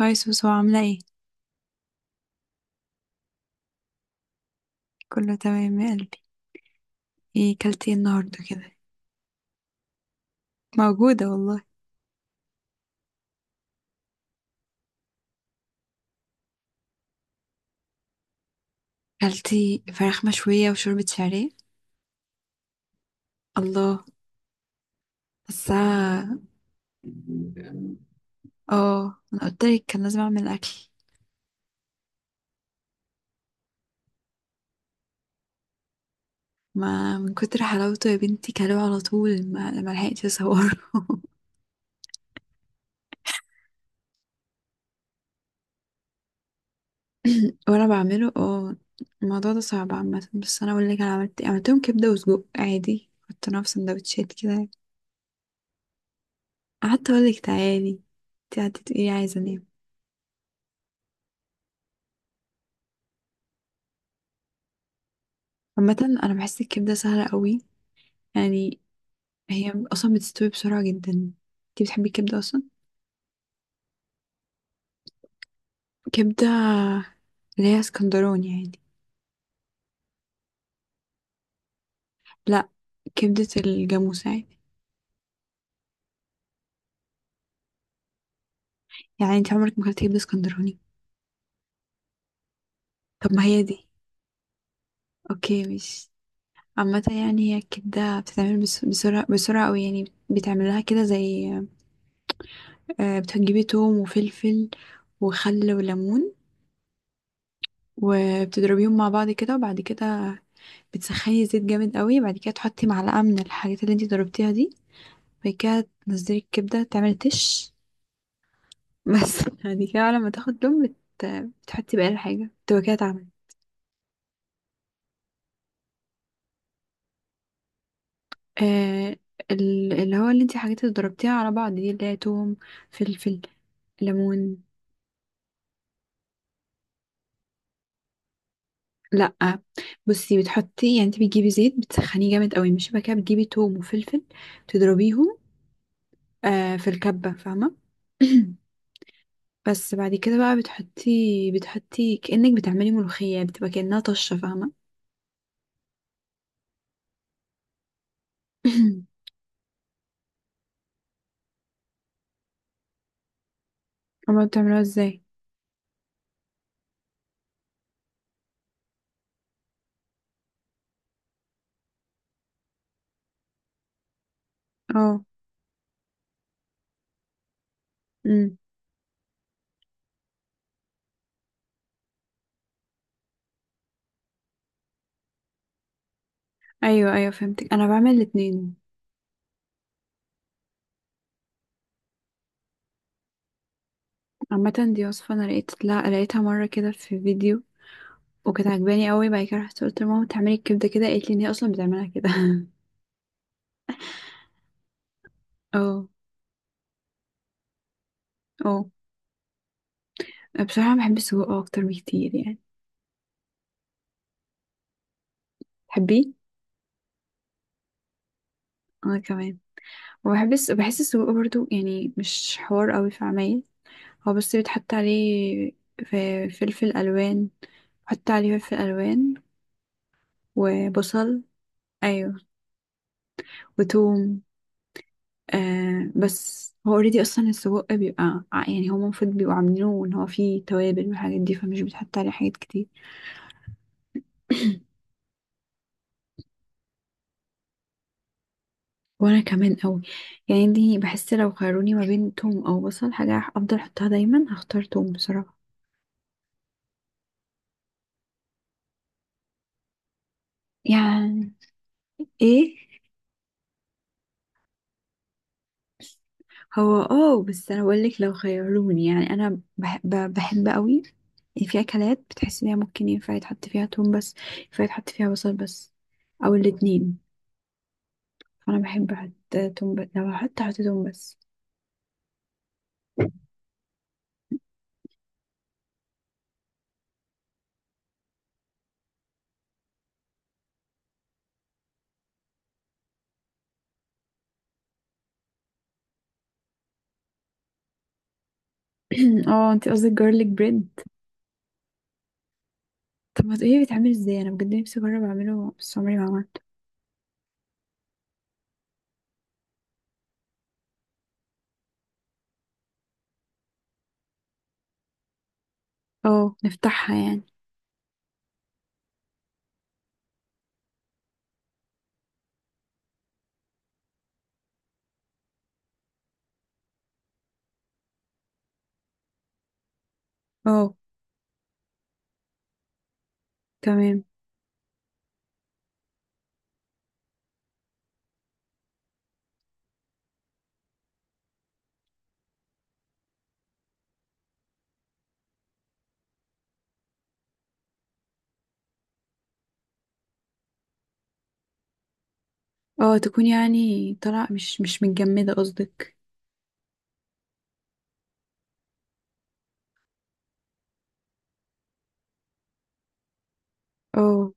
هاي سوسو، عاملة ايه؟ كله تمام يا قلبي. ايه كلتي ايه النهاردة كده؟ موجودة والله. كلتي فراخ مشوية وشوربة شعرية. الله، حاساها. اه، انا قلتلك كان لازم اعمل اكل. ما من كتر حلاوته يا بنتي كلوه على طول ما لحقتش اصوره. وانا بعمله اه. الموضوع ده صعب عامة، بس انا اقول لك انا عملت إيه. عملتهم كبدة وسجق عادي، حطيناها في سندوتشات كده. قعدت اقول لك تعالي، انتي قعدتي تقولي عايزة انام. عامة انا بحس الكبدة سهلة قوي، يعني. هي اصلا بتستوي بسرعه جدا. انتي بتحبي الكبده اصلا؟ كبده اللي هي اسكندراني عادي. لا، كبده الجاموس عادي. يعني انت عمرك ما اكلتي كبده اسكندراني؟ طب ما هي دي. اوكي، مش. عامه، يعني هي الكبده بتتعمل بسرعه بسرعه قوي. يعني بتعمل لها كده زي، بتجيبي توم وفلفل، وخل وليمون، وبتضربيهم مع بعض كده. وبعد كده بتسخني زيت جامد قوي، بعد كده تحطي معلقه من الحاجات اللي انتي ضربتيها دي. بعد كده تنزلي الكبدة، تعملي تش بس. بعد كده لما تاخد لون بتحطي بقى الحاجة، تبقى كده اتعملت. آه اللي هو اللي انتي حاجات اللي ضربتيها على بعض دي، اللي هي توم، فلفل، ليمون. لأ، بصي، بتحطي يعني، انتي بتجيبي زيت بتسخنيه جامد قوي، مش بقى كده بتجيبي توم وفلفل، تضربيهم. في الكبة، فاهمة. بس بعد كده بقى بتحطي كأنك بتعملي ملوخية، بتبقى كأنها طشة، فاهمة. هما بتعملوها ازاي. اه، امم، ايوه ايوه فهمتك، انا بعمل الاتنين. عامه دي وصفه انا لقيت لا لقيتها مره كده في فيديو، وكانت عجباني قوي. بعد كده رحت قلت لماما بتعملي الكبده كده، قالت لي ان هي اصلا بتعملها كده. اه. اه، بصراحه بحب السجق اكتر بكتير، يعني. تحبيه؟ انا كمان. بحس السجق برضو، يعني مش حوار قوي في عمايل. هو بس بيتحط عليه في فلفل الوان، حط عليه فلفل الوان وبصل. ايوه، وتوم. بس هو اوريدي اصلا السجق بيبقى يعني هو المفروض بيبقوا عاملينه ان هو فيه توابل والحاجات دي، فمش بيتحط عليه حاجات كتير. وانا كمان قوي، يعني. دي بحس لو خيروني ما بين توم او بصل حاجه افضل احطها دايما هختار توم بصراحه، يعني. ايه، هو اه بس انا بقول لك لو خيروني، يعني انا بحب قوي. في اكلات بتحس ان هي ممكن ينفع يتحط فيها توم بس، ينفع يتحط فيها بصل بس، او الاتنين. انا بحب احط توم بس، لو هحط توم بس. اه، انت قصدك جارليك بريد. طب ما تقولي بيتعمل ازاي، انا بجد نفسي اجرب اعمله بس عمري ما عملته. اه، نفتحها يعني. اه. تمام. اه، تكون يعني طلع مش متجمدة قصدك. اه.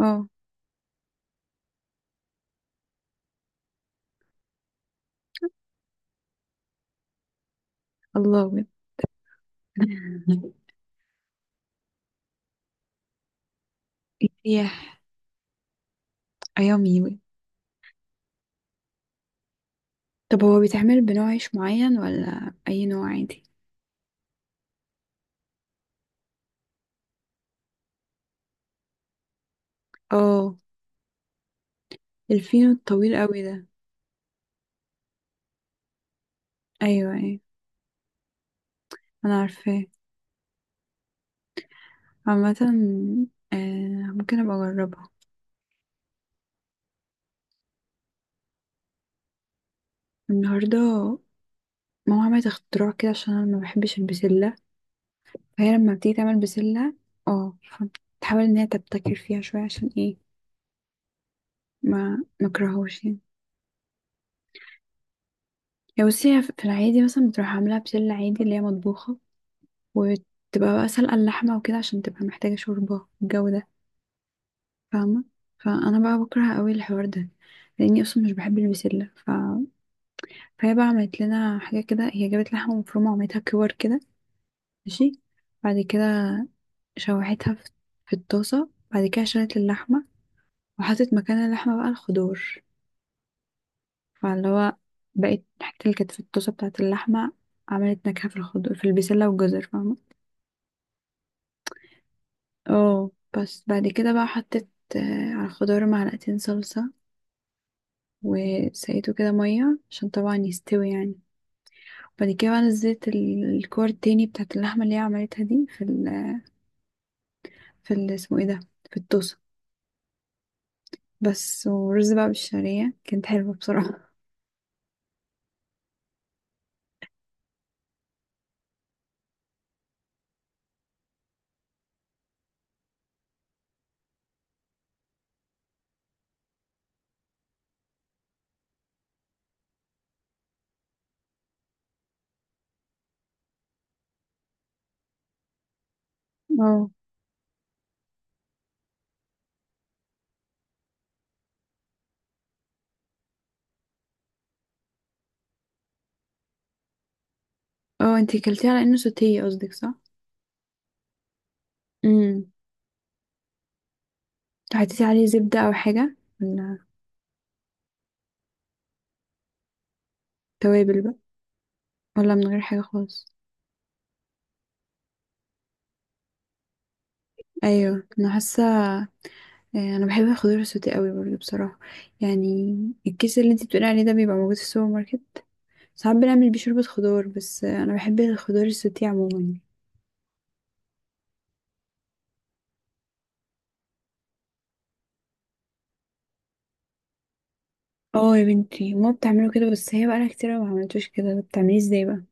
اه. الله بجد. يح، ايامي. طب هو بيتعمل بنوع عيش معين ولا اي نوع عادي؟ اه، الفينو الطويل قوي ده. ايوه ايوه، انا عارفاه. عامة، آه ممكن ابقى اجربها. النهاردة ماما عملت اختراع كده عشان انا ما بحبش البسلة، فهي لما بتيجي تعمل بسلة اه تحاول ان هي تبتكر فيها شوية. عشان ايه؟ ما مكرهوش يعني. يا بصي، هي في العادي مثلا بتروح عاملة بسلة عادي اللي هي مطبوخة، وتبقى بقى سلقة اللحمة وكده عشان تبقى محتاجة شوربة والجو ده، فاهمة. فانا بقى بكره قوي الحوار ده، لاني اصلا مش بحب البسلة فهي بقى عملت لنا حاجة كده، هي جابت لحمة مفرومة وعملتها كور كده. ماشي. بعد كده شوحتها في الطاسة، بعد كده شالت اللحمة وحطت مكان اللحمة بقى الخضار. فاللي هو بقت الحتة اللي كانت في الطاسة بتاعة اللحمة عملت نكهة في الخضار، في البسلة والجزر، فاهمة. اه، بس بعد كده بقى حطيت على الخضار معلقتين صلصة، وسقيته كده مية عشان طبعا يستوي، يعني. بعد كده بقى نزلت الكور التاني بتاعة اللحمة اللي هي عملتها دي في ال اسمه ايه ده، في الطاسة. بس ورز بقى بالشعرية كانت حلوة بصراحة. اه. اه، انتي كلتيه على انه سوتيه قصدك، صح. امم. حطيتي عليه زبدة او حاجة، ولا توابل بقى، ولا من غير حاجة خالص؟ ايوه، انا حاسة. إيه، انا بحب الخضار السوتيه قوي برضه بصراحة، يعني. الكيس اللي انتي بتقولي عليه ده بيبقى موجود في السوبر ماركت، ساعات بنعمل بيه شوربة خضار بس. انا بحب الخضار السوتيه عموما. اه يا بنتي، ماما بتعمله كده بس هي بقالها كتير أوي ما عملتوش كده، بتعمليه ازاي بقى؟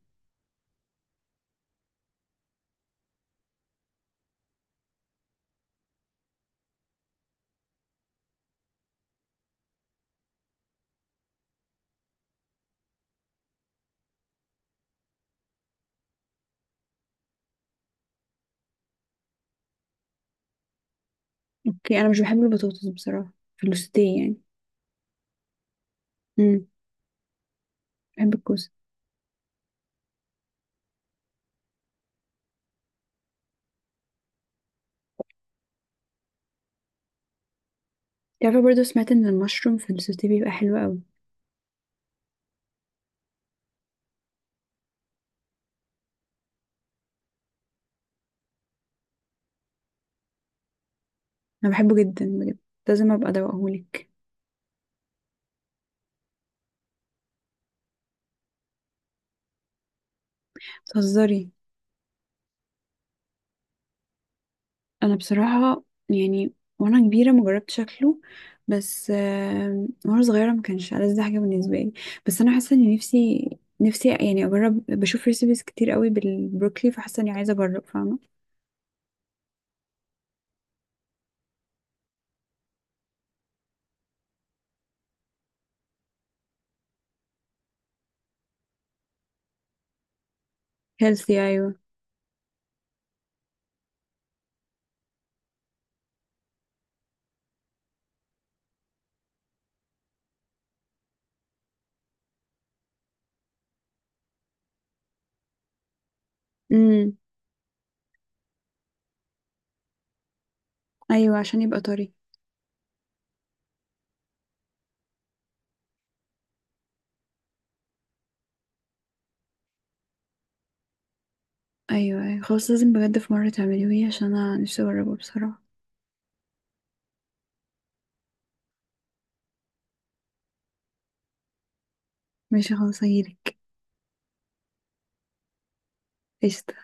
اوكي، انا مش بحب البطاطس بصراحة في السوتيه، يعني. امم. بحب الكوسة. تعرفي برضو سمعت ان المشروم في السوتيه بيبقى حلو قوي. انا بحبه جدا بجد، لازم ابقى ادوقهولك. بتهزري. انا بصراحه، يعني وانا كبيره ما جربت شكله، بس وانا صغيره ما كانش ألذ حاجه بالنسبه لي. بس انا حاسه ان نفسي، نفسي يعني اجرب. بشوف ريسيبيز كتير قوي بالبروكلي فحاسه اني عايزه اجرب، فاهمه. هيلثي، ايوه. امم. ايوه عشان يبقى طري. ايوه ايوه خلاص، لازم بجد في مره تعمليه عشان انا نفسي اجربه بصراحه. ماشي خلاص هجيلك. قشطة.